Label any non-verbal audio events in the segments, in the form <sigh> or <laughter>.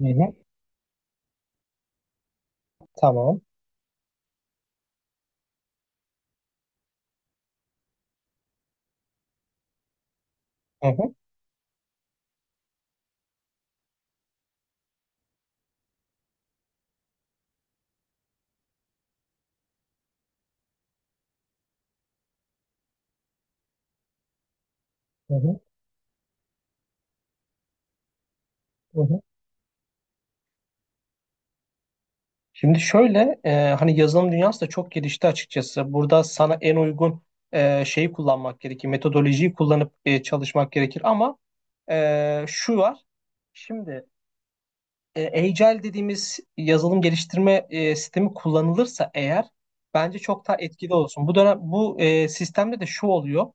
Hı hı, tamam. Hı hı, hı hı, hı hı. Şimdi şöyle hani yazılım dünyası da çok gelişti açıkçası. Burada sana en uygun şeyi kullanmak gerekir. Metodolojiyi kullanıp çalışmak gerekir. Ama şu var. Şimdi Agile dediğimiz yazılım geliştirme sistemi kullanılırsa eğer bence çok daha etkili olsun. Bu dönem bu sistemde de şu oluyor.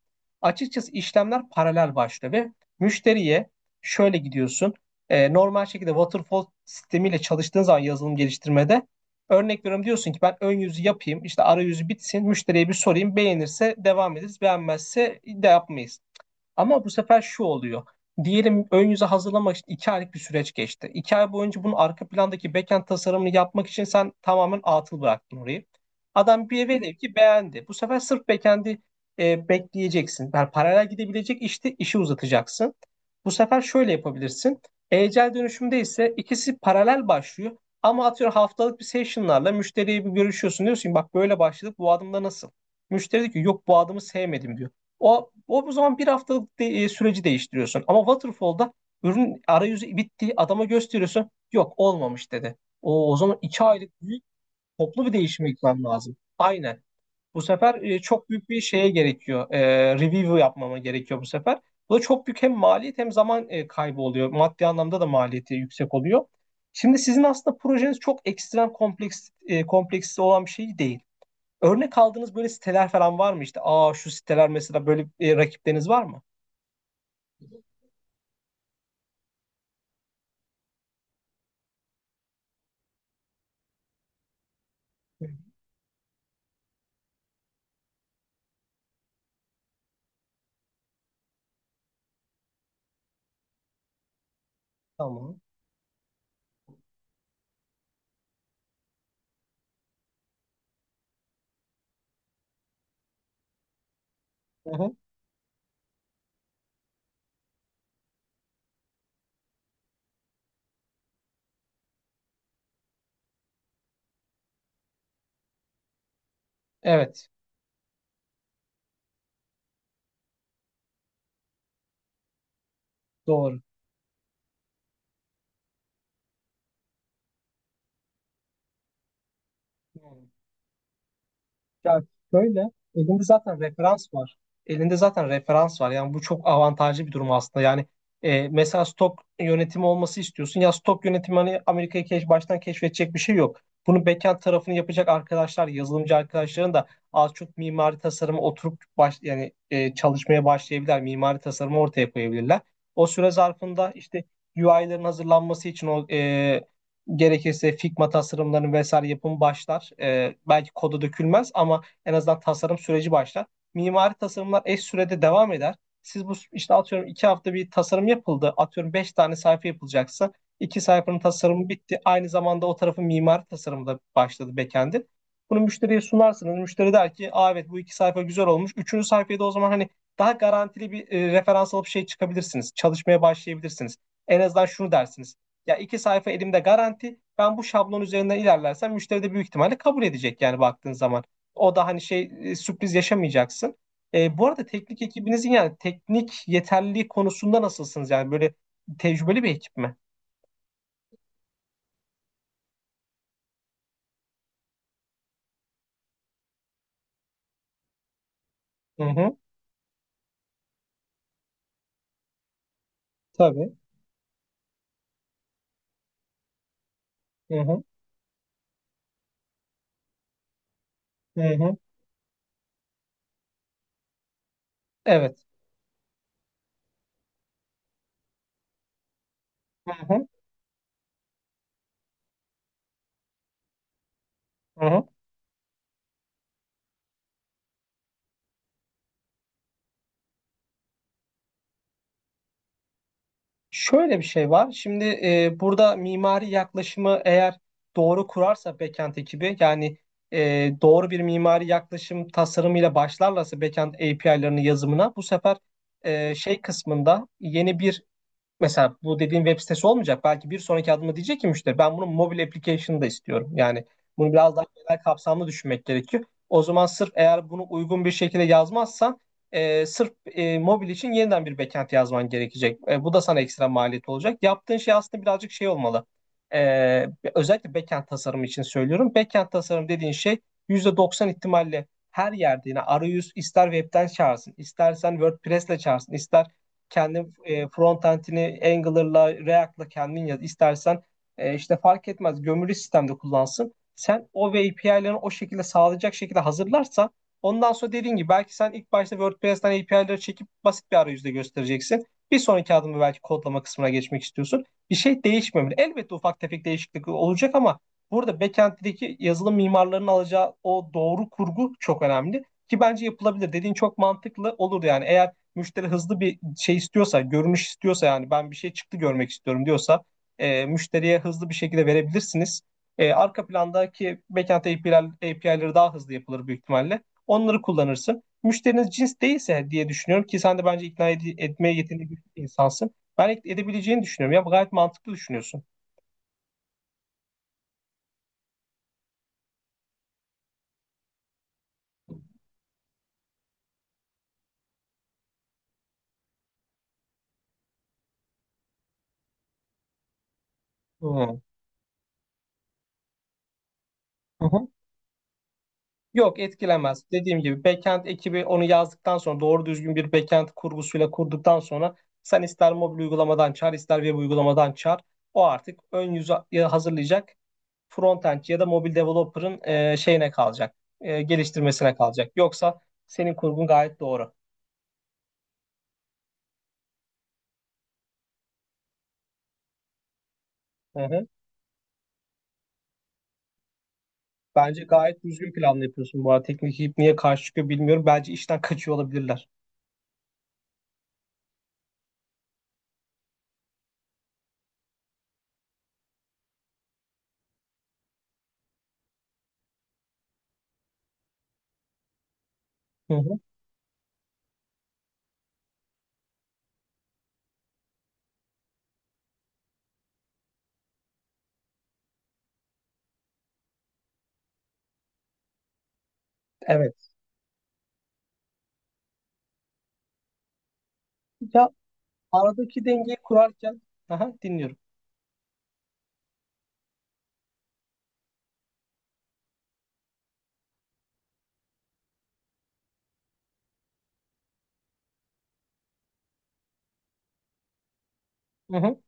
Açıkçası işlemler paralel başlıyor ve müşteriye şöyle gidiyorsun. Normal şekilde waterfall sistemiyle çalıştığın zaman yazılım geliştirmede örnek veriyorum diyorsun ki ben ön yüzü yapayım işte arayüzü bitsin müşteriye bir sorayım beğenirse devam ederiz beğenmezse de yapmayız. Ama bu sefer şu oluyor. Diyelim ön yüze hazırlamak için 2 aylık bir süreç geçti. 2 ay boyunca bunun arka plandaki backend tasarımını yapmak için sen tamamen atıl bıraktın orayı. Adam bir velev ki beğendi. Bu sefer sırf backend'i bekleyeceksin. Yani paralel gidebilecek işte işi uzatacaksın. Bu sefer şöyle yapabilirsin. Agile dönüşümde ise ikisi paralel başlıyor. Ama atıyorum haftalık bir session'larla müşteriye bir görüşüyorsun. Diyorsun ki bak böyle başladık, bu adımda nasıl? Müşteri diyor ki yok bu adımı sevmedim diyor. O bu zaman bir haftalık süreci değiştiriyorsun. Ama waterfall'da ürün arayüzü bitti. Adama gösteriyorsun. Yok olmamış dedi. O zaman 2 aylık büyük toplu bir değişime gitmem lazım. Aynen. Bu sefer çok büyük bir şeye gerekiyor. Review yapmama gerekiyor bu sefer. Bu da çok büyük hem maliyet hem zaman kaybı oluyor. Maddi anlamda da maliyeti yüksek oluyor. Şimdi sizin aslında projeniz çok ekstrem kompleksli olan bir şey değil. Örnek aldığınız böyle siteler falan var mı? İşte aa şu siteler mesela, böyle rakipleriniz var mı? Tamam. Hı hı. Evet. Doğru. Hı. Ya şöyle, elinde zaten referans var. Elinde zaten referans var. Yani bu çok avantajlı bir durum aslında. Yani mesela stok yönetimi olması istiyorsun. Ya stok yönetimi hani baştan keşfedecek bir şey yok. Bunu backend tarafını yapacak arkadaşlar, yazılımcı arkadaşların da az çok mimari tasarıma oturup yani çalışmaya başlayabilirler. Mimari tasarımı ortaya koyabilirler. O süre zarfında işte UI'ların hazırlanması için o gerekirse Figma tasarımlarının vesaire yapımı başlar. Belki kodu dökülmez ama en azından tasarım süreci başlar. Mimari tasarımlar eş sürede devam eder. Siz bu işte atıyorum 2 hafta bir tasarım yapıldı. Atıyorum 5 tane sayfa yapılacaksa 2 sayfanın tasarımı bitti. Aynı zamanda o tarafın mimari tasarımı da başladı backend'in. Bunu müşteriye sunarsınız. Müşteri der ki aa, evet bu 2 sayfa güzel olmuş. Üçüncü sayfaya da o zaman hani daha garantili bir referans alıp şey çıkabilirsiniz. Çalışmaya başlayabilirsiniz. En azından şunu dersiniz. Ya 2 sayfa elimde garanti. Ben bu şablon üzerinden ilerlersem müşteri de büyük ihtimalle kabul edecek yani baktığın zaman. O da hani şey sürpriz yaşamayacaksın. Bu arada teknik ekibinizin yani teknik yeterliliği konusunda nasılsınız? Yani böyle tecrübeli bir ekip mi? Hı hı. Tabii. Hı hı. Hı hı. Evet. Hı hı. Hı hı. Şöyle bir şey var. Şimdi burada mimari yaklaşımı eğer doğru kurarsa backend ekibi yani e, doğru bir mimari yaklaşım tasarımıyla başlarlarsa backend API'larının yazımına bu sefer şey kısmında yeni bir mesela bu dediğin web sitesi olmayacak. Belki bir sonraki adıma diyecek ki müşteri ben bunun mobil application'ı da istiyorum. Yani bunu biraz daha genel kapsamlı düşünmek gerekiyor. O zaman sırf eğer bunu uygun bir şekilde yazmazsan sırf mobil için yeniden bir backend yazman gerekecek. Bu da sana ekstra maliyet olacak. Yaptığın şey aslında birazcık şey olmalı. E, Özellikle backend tasarımı için söylüyorum. Backend tasarım dediğin şey %90 ihtimalle her yerde yine arayüz ister webden çağırsın, istersen WordPress'le çağırsın, ister kendi front end'ini Angular'la, React'la kendin yaz. İstersen işte fark etmez gömülü sistemde kullansın. Sen o ve API'lerini o şekilde sağlayacak şekilde hazırlarsan ondan sonra dediğin gibi belki sen ilk başta WordPress'ten API'leri çekip basit bir arayüzde göstereceksin. Bir sonraki adımı belki kodlama kısmına geçmek istiyorsun. Bir şey değişmemeli. Elbette ufak tefek değişiklik olacak ama burada backend'deki yazılım mimarlarının alacağı o doğru kurgu çok önemli. Ki bence yapılabilir. Dediğin çok mantıklı olur yani. Eğer müşteri hızlı bir şey istiyorsa, görünüş istiyorsa yani ben bir şey çıktı görmek istiyorum diyorsa müşteriye hızlı bir şekilde verebilirsiniz. Arka plandaki backend API'ler, API'leri daha hızlı yapılır büyük ihtimalle. Onları kullanırsın. Müşteriniz cins değilse diye düşünüyorum ki sen de bence ikna etmeye yetenekli bir insansın. Ben edebileceğini düşünüyorum. Ya gayet mantıklı düşünüyorsun. Hı. Hı. Yok etkilemez. Dediğim gibi backend ekibi onu yazdıktan sonra doğru düzgün bir backend kurgusuyla kurduktan sonra sen ister mobil uygulamadan çağır ister web uygulamadan çağır. O artık ön yüzü hazırlayacak frontend ya da mobil developer'ın şeyine kalacak. Geliştirmesine kalacak. Yoksa senin kurgun gayet doğru. Hı hı. Bence gayet düzgün planlı yapıyorsun bu arada. Teknik ekip niye karşı çıkıyor bilmiyorum. Bence işten kaçıyor olabilirler. Hı hı. Evet. Ya aradaki dengeyi kurarken aha, dinliyorum. Hı hı.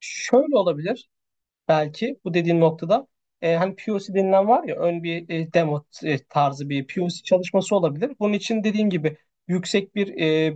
Şöyle olabilir. Belki bu dediğin noktada hani POC denilen var ya, ön bir demo tarzı bir POC çalışması olabilir. Bunun için dediğin gibi yüksek bir e,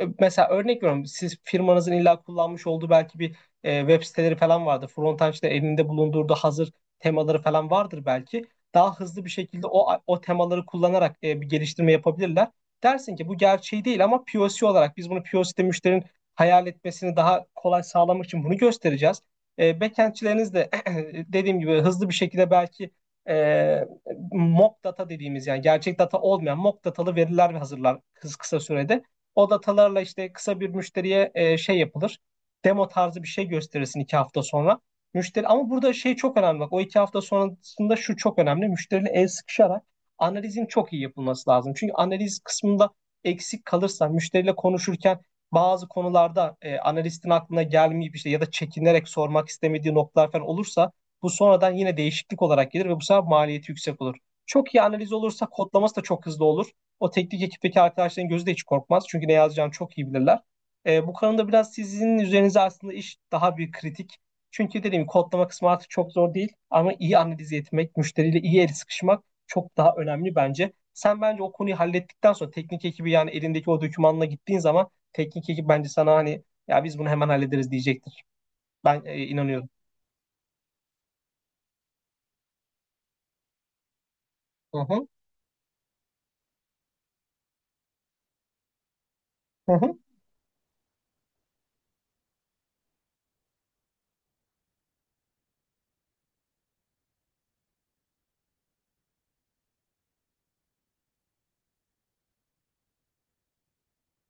e, mesela örnek veriyorum siz firmanızın illa kullanmış olduğu belki bir web siteleri falan vardır. Frontend'de elinde bulundurduğu hazır temaları falan vardır belki. Daha hızlı bir şekilde o temaları kullanarak bir geliştirme yapabilirler. Dersin ki bu gerçeği değil ama POC olarak biz bunu POC'de müşterinin hayal etmesini daha kolay sağlamak için bunu göstereceğiz. Backendçileriniz de <clears throat> <laughs> dediğim gibi hızlı bir şekilde belki e, mock data dediğimiz yani gerçek data olmayan mock datalı veriler hazırlar kısa, kısa sürede. O datalarla işte kısa bir müşteriye şey yapılır. Demo tarzı bir şey gösterirsin 2 hafta sonra. Müşteri ama burada şey çok önemli bak, o 2 hafta sonrasında şu çok önemli. Müşteriyle el sıkışarak analizin çok iyi yapılması lazım. Çünkü analiz kısmında eksik kalırsa müşteriyle konuşurken bazı konularda analistin aklına gelmeyip işte ya da çekinerek sormak istemediği noktalar falan olursa bu sonradan yine değişiklik olarak gelir ve bu sefer maliyeti yüksek olur. Çok iyi analiz olursa kodlaması da çok hızlı olur. O teknik ekipteki arkadaşların gözü de hiç korkmaz. Çünkü ne yazacağını çok iyi bilirler. Bu konuda biraz sizin üzerinize aslında iş daha bir kritik. Çünkü dediğim gibi kodlama kısmı artık çok zor değil ama iyi analiz etmek, müşteriyle iyi el sıkışmak çok daha önemli bence. Sen bence o konuyu hallettikten sonra teknik ekibi yani elindeki o dokümanla gittiğin zaman teknik ekip bence sana hani ya biz bunu hemen hallederiz diyecektir. Ben inanıyorum. Hı hı, hı hı,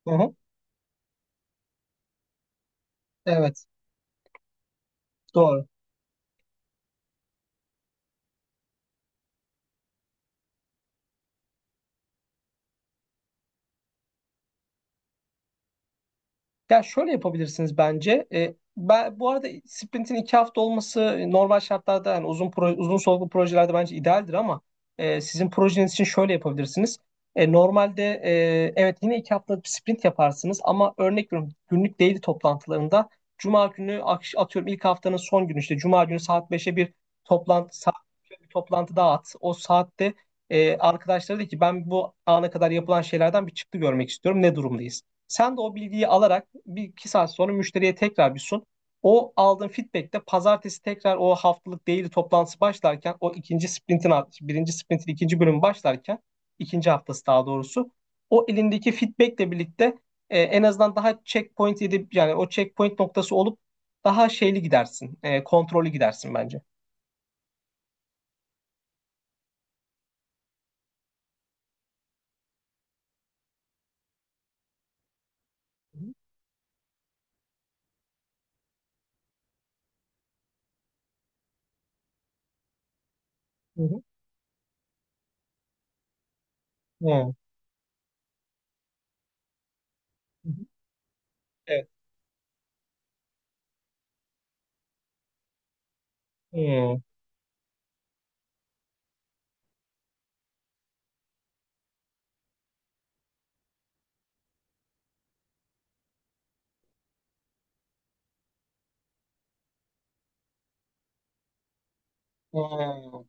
hı hı. Evet, doğru. Ya şöyle yapabilirsiniz bence. Bu arada sprintin iki hafta olması normal şartlarda yani uzun uzun soluklu projelerde bence idealdir ama sizin projeniz için şöyle yapabilirsiniz. Normalde evet yine 2 haftalık bir sprint yaparsınız ama örnek veriyorum günlük daily toplantılarında Cuma günü atıyorum ilk haftanın son günü işte Cuma günü saat 5'e bir toplantı, saat beşe bir toplantı daha at. O saatte arkadaşlara de ki ben bu ana kadar yapılan şeylerden bir çıktı görmek istiyorum. Ne durumdayız? Sen de o bilgiyi alarak bir iki saat sonra müşteriye tekrar bir sun. O aldığın feedback'te pazartesi tekrar o haftalık daily toplantısı başlarken o ikinci sprintin birinci sprintin ikinci bölümü başlarken, ikinci haftası daha doğrusu, o elindeki feedback'le birlikte en azından daha checkpoint edip yani o checkpoint noktası olup daha şeyli gidersin. Kontrollü gidersin bence. Hı hı. Hı. Evet. Hmm. Hmm.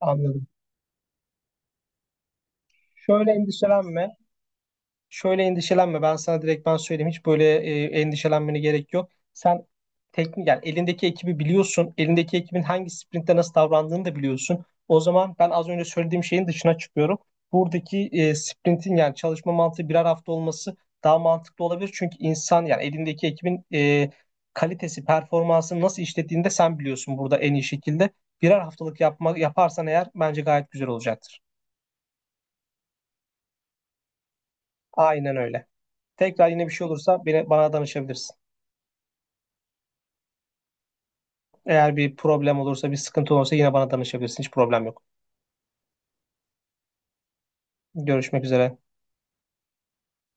Anladım. Şöyle endişelenme. Şöyle endişelenme. Ben sana direkt ben söyleyeyim. Hiç böyle endişelenmene gerek yok. Sen teknik yani elindeki ekibi biliyorsun. Elindeki ekibin hangi sprintte nasıl davrandığını da biliyorsun. O zaman ben az önce söylediğim şeyin dışına çıkıyorum. Buradaki sprintin yani çalışma mantığı birer hafta olması daha mantıklı olabilir. Çünkü insan yani elindeki ekibin kalitesi, performansını nasıl işlettiğini de sen biliyorsun burada en iyi şekilde. Birer haftalık yaparsan eğer bence gayet güzel olacaktır. Aynen öyle. Tekrar yine bir şey olursa bana danışabilirsin. Eğer bir problem olursa, bir sıkıntı olursa yine bana danışabilirsin. Hiç problem yok. Görüşmek üzere.